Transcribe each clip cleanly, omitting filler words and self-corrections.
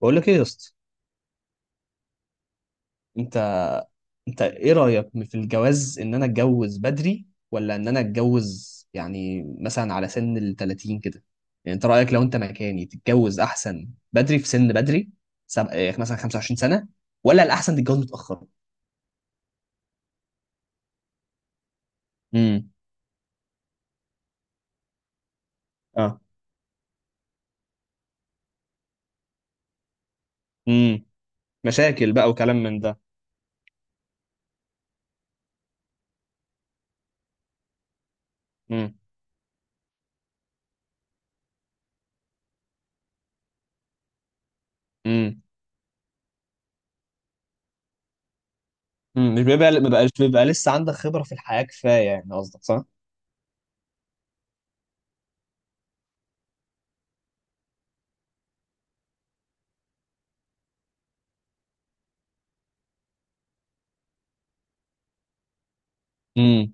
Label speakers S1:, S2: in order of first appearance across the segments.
S1: بقول لك ايه يا اسطى. انت انت ايه رايك في الجواز؟ ان انا اتجوز بدري ولا ان انا اتجوز يعني مثلا على سن ال 30 كده؟ يعني انت رايك لو انت مكاني تتجوز احسن بدري، في سن بدري؟ إيه، مثلا 25 سنه؟ ولا الاحسن تتجوز متاخر؟ امم. اه. امم. مشاكل بقى وكلام من ده. امم. امم. أمم. مش بيبقى ما بقاش بيبقى لسه عندك خبره في الحياه كفايه، يعني قصدك صح. امم.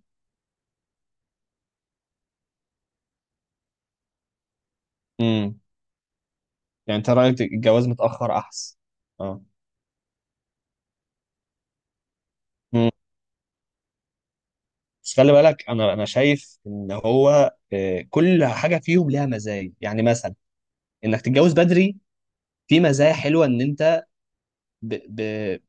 S1: امم. يعني انت رايك الجواز متاخر احسن؟ اه. بس خلي بالك، انا شايف ان هو كل حاجه فيهم ليها مزايا. يعني مثلا انك تتجوز بدري، في مزايا حلوه. ان انت ب... ب...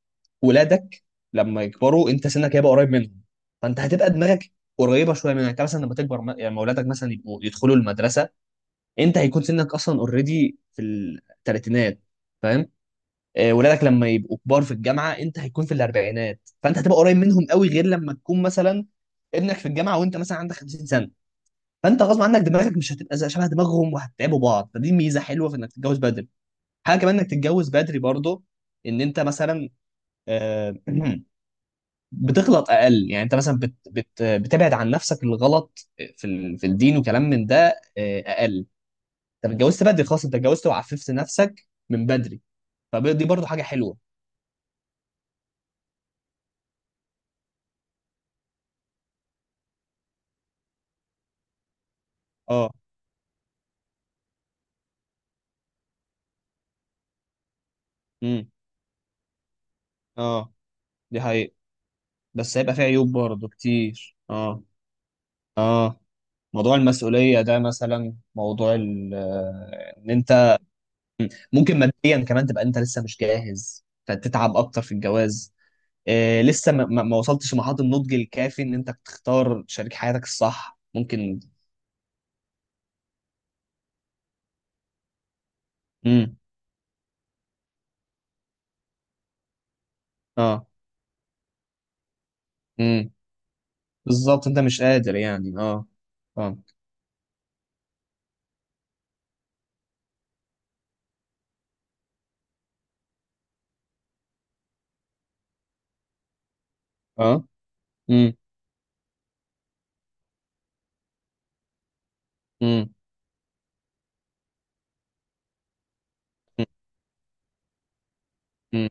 S1: ولادك لما يكبروا انت سنك هيبقى قريب منهم، فانت هتبقى دماغك قريبه شويه منك. يعني انت مثلا لما تكبر، يعني لما ولادك مثلا يبقوا يدخلوا المدرسه انت هيكون سنك اصلا اوريدي في الثلاثينات، فاهم؟ ولادك لما يبقوا كبار في الجامعه انت هيكون في الاربعينات، فانت هتبقى قريب منهم قوي. غير لما تكون مثلا ابنك في الجامعه وانت مثلا عندك 50 سنه، فانت غصب عنك دماغك مش هتبقى شبه دماغهم وهتتعبوا بعض. فدي ميزه حلوه في انك تتجوز بدري. حاجه كمان انك تتجوز بدري برضه، ان انت مثلا آه، بتغلط اقل. يعني انت مثلا بت بت بتبعد عن نفسك الغلط في الدين وكلام من ده اقل. انت اتجوزت بدري خلاص، انت اتجوزت وعففت نفسك من بدري، فدي برضه حاجه حلوه. اه. امم. اه. دي حقيقة. بس هيبقى فيه عيوب برضه كتير، اه. اه، موضوع المسؤولية ده، مثلا موضوع ان انت. مم. ممكن ماديا كمان تبقى انت لسه مش جاهز، فتتعب اكتر في الجواز. إيه، لسه ما وصلتش لمرحله النضج الكافي ان انت تختار شريك حياتك الصح، ممكن. امم. اه. امم. بالظبط انت مش قادر يعني، اه. اه. اه. امم. امم.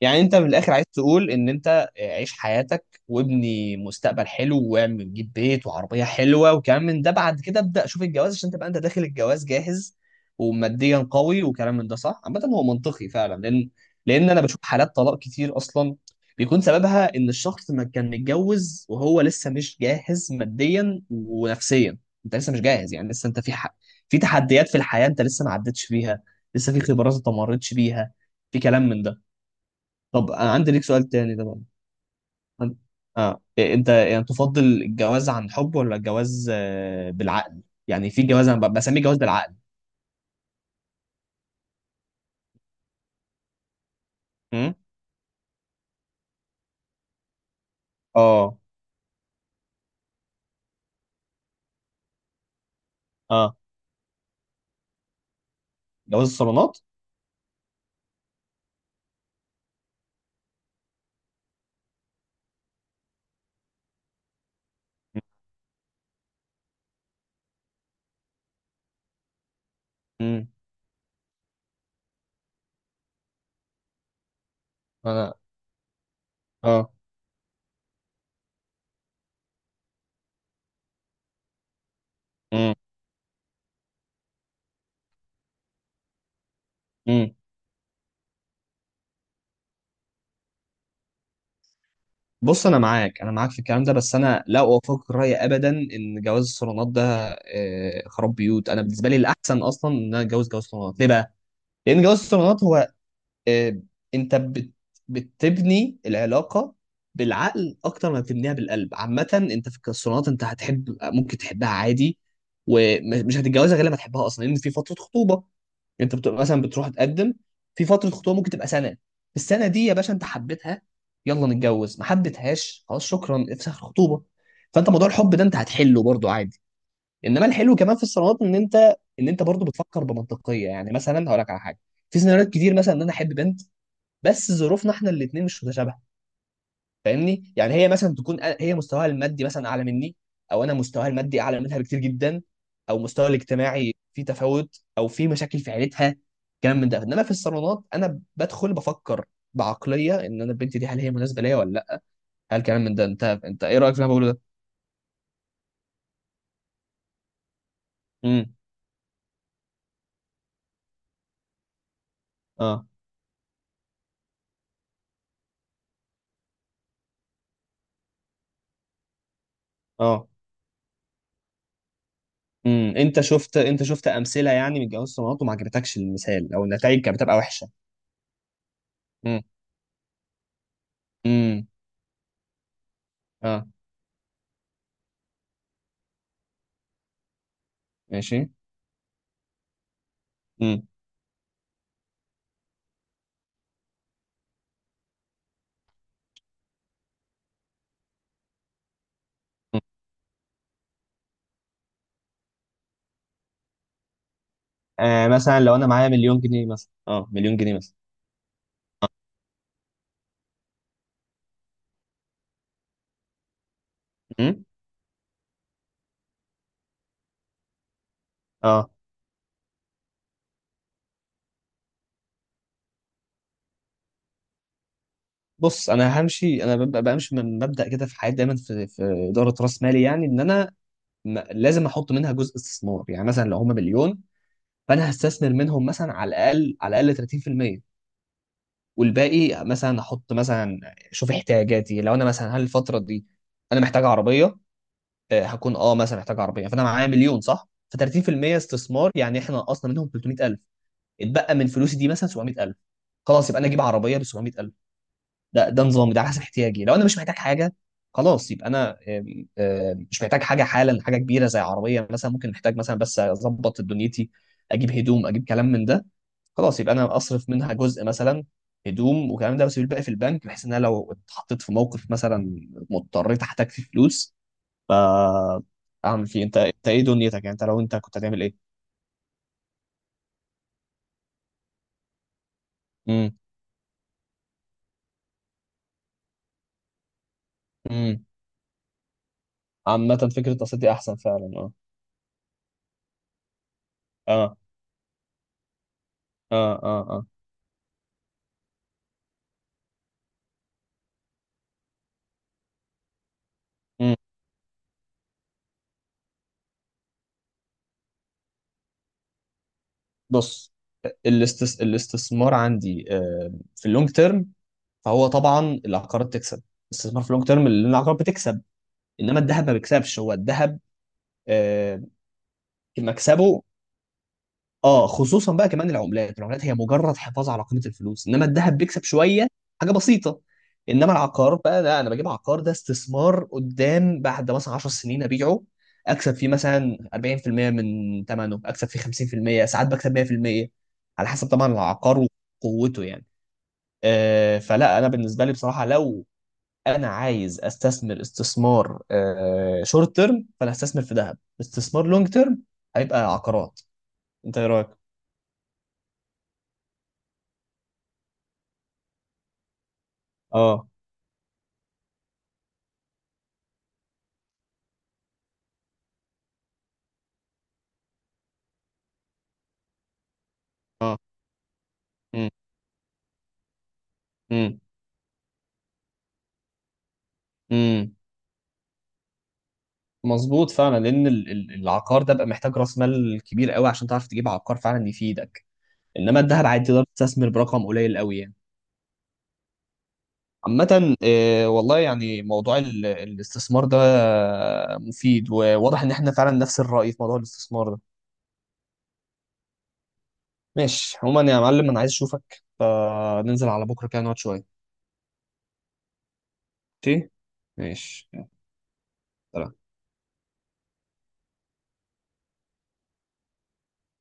S1: يعني انت من الاخر عايز تقول ان انت عيش حياتك وابني مستقبل حلو واعمل جيب بيت وعربيه حلوه وكلام من ده، بعد كده ابدا شوف الجواز عشان تبقى انت داخل الجواز جاهز وماديا قوي وكلام من ده. صح، عامه هو منطقي فعلا. لان انا بشوف حالات طلاق كتير اصلا، بيكون سببها ان الشخص ما كان متجوز وهو لسه مش جاهز ماديا ونفسيا. انت لسه مش جاهز، يعني لسه انت في حق، في تحديات في الحياه انت لسه ما عدتش فيها، لسه في خبرات انت ما مريتش بيها، في كلام من ده. طب انا عندي ليك سؤال تاني ده بقى. عن- اه إيه، انت يعني تفضل الجواز عن حب ولا الجواز بالعقل؟ يعني في جواز انا بسميه جواز بالعقل. امم. اه. اه. جواز الصالونات. امم. انا. اه. امم. امم. بص، انا معاك في الكلام ده. بس انا لا اوافقك الراي ابدا ان جواز الصالونات ده خراب بيوت. انا بالنسبه لي الاحسن اصلا ان انا اتجوز جواز صالونات. ليه بقى؟ لان جواز الصالونات هو آه، انت بتبني العلاقه بالعقل اكتر ما بتبنيها بالقلب. عامه انت في الصالونات، انت هتحب، ممكن تحبها عادي، ومش هتتجوزها غير لما تحبها اصلا، لان في فتره خطوبه. انت بتبقى مثلا بتروح تقدم، في فتره خطوبه ممكن تبقى سنه، في السنه دي يا باشا انت حبيتها، يلا نتجوز. ما حبيتهاش، خلاص، شكرا، افسخ الخطوبه. فانت موضوع الحب ده انت هتحله برضو عادي. انما الحلو كمان في الصالونات ان انت برضو بتفكر بمنطقيه. يعني مثلا، هقول لك على حاجه، في سيناريوهات كتير مثلا ان انا احب بنت، بس ظروفنا احنا الاثنين مش متشابهه. فاهمني؟ يعني هي مثلا تكون هي مستواها المادي مثلا اعلى مني، او انا مستواها المادي اعلى منها بكتير جدا، او مستواها الاجتماعي في تفاوت، او في مشاكل في عيلتها، كلام من ده. انما في الصالونات انا بدخل بفكر بعقليه ان انا البنت دي هل هي مناسبه ليا ولا لا، هل كلام من ده. انت ايه رايك في اللي انا بقوله ده؟ امم. اه. اه. امم. انت شفت امثله يعني من جواز الصالونات وما عجبتكش المثال، او النتائج كانت بتبقى وحشه؟ امم. امم. اه. ماشي. امم. مثلا لو انا معايا مليون جنيه مثلا، مليون جنيه مثلا. امم. اه. بص، انا همشي، انا ببقى بمشي من مبدأ كده في حياتي دايما، في اداره راس مالي، يعني ان انا لازم احط منها جزء استثمار. يعني مثلا لو هم مليون، فانا هستثمر منهم مثلا على الاقل، على الاقل 30%. والباقي مثلا احط مثلا، شوف احتياجاتي لو انا مثلا هل الفتره دي انا محتاج عربيه. هكون مثلا محتاج عربيه، فانا معايا مليون صح، ف 30% استثمار، يعني احنا نقصنا منهم 300,000، اتبقى من فلوسي دي مثلا 700,000. خلاص يبقى انا اجيب عربيه ب 700,000. ده نظامي، ده على حسب احتياجي. لو انا مش محتاج حاجه، خلاص يبقى انا آم، آم، مش محتاج حاجه حالا، حاجه كبيره زي عربيه مثلا، ممكن محتاج مثلا بس اظبط دنيتي، اجيب هدوم اجيب كلام من ده. خلاص يبقى انا اصرف منها جزء مثلا هدوم وكلام ده، بس الباقي في البنك، بحيث ان انا لو اتحطيت في موقف مثلا مضطريت احتاج فيه فلوس ف اعمل فيه. انت ايه دنيتك؟ يعني انت لو انت كنت هتعمل ايه؟ امم. امم. عامه فكره التصدي احسن فعلا. اه. اه. اه. اه. اه. بص، الاستثمار عندي في اللونج تيرم. فهو طبعا العقارات تكسب، الاستثمار في اللونج تيرم اللي العقارات بتكسب. انما الذهب ما بيكسبش، هو الذهب آه، مكسبه اه، خصوصا بقى. كمان العملات، العملات هي مجرد حفاظ على قيمه الفلوس، انما الذهب بيكسب شويه، حاجه بسيطه. انما العقار بقى لا، انا بجيب عقار، ده استثمار قدام، بعد مثلا 10 سنين ابيعه، اكسب فيه مثلا 40% من ثمنه، اكسب فيه 50%، ساعات بكسب 100% على حسب طبعا العقار وقوته يعني. فلا انا بالنسبه لي بصراحه، لو انا عايز استثمر استثمار شورت تيرم، فانا هستثمر في ذهب. استثمار لونج تيرم هيبقى عقارات. انت ايه رايك؟ اه. مم. مم. مم. مظبوط فعلا، لان العقار ده بقى محتاج راس مال كبير قوي عشان تعرف تجيب عقار فعلا يفيدك. انما الذهب عادي تقدر تستثمر برقم قليل قوي يعني. عامة، والله يعني موضوع الاستثمار ده مفيد، وواضح ان احنا فعلا نفس الرأي في موضوع الاستثمار ده. ماشي عموما يا معلم، انا عايز اشوفك، فننزل على بكرة كده نقعد شوية. ماشي. ماشي يلا. سلام.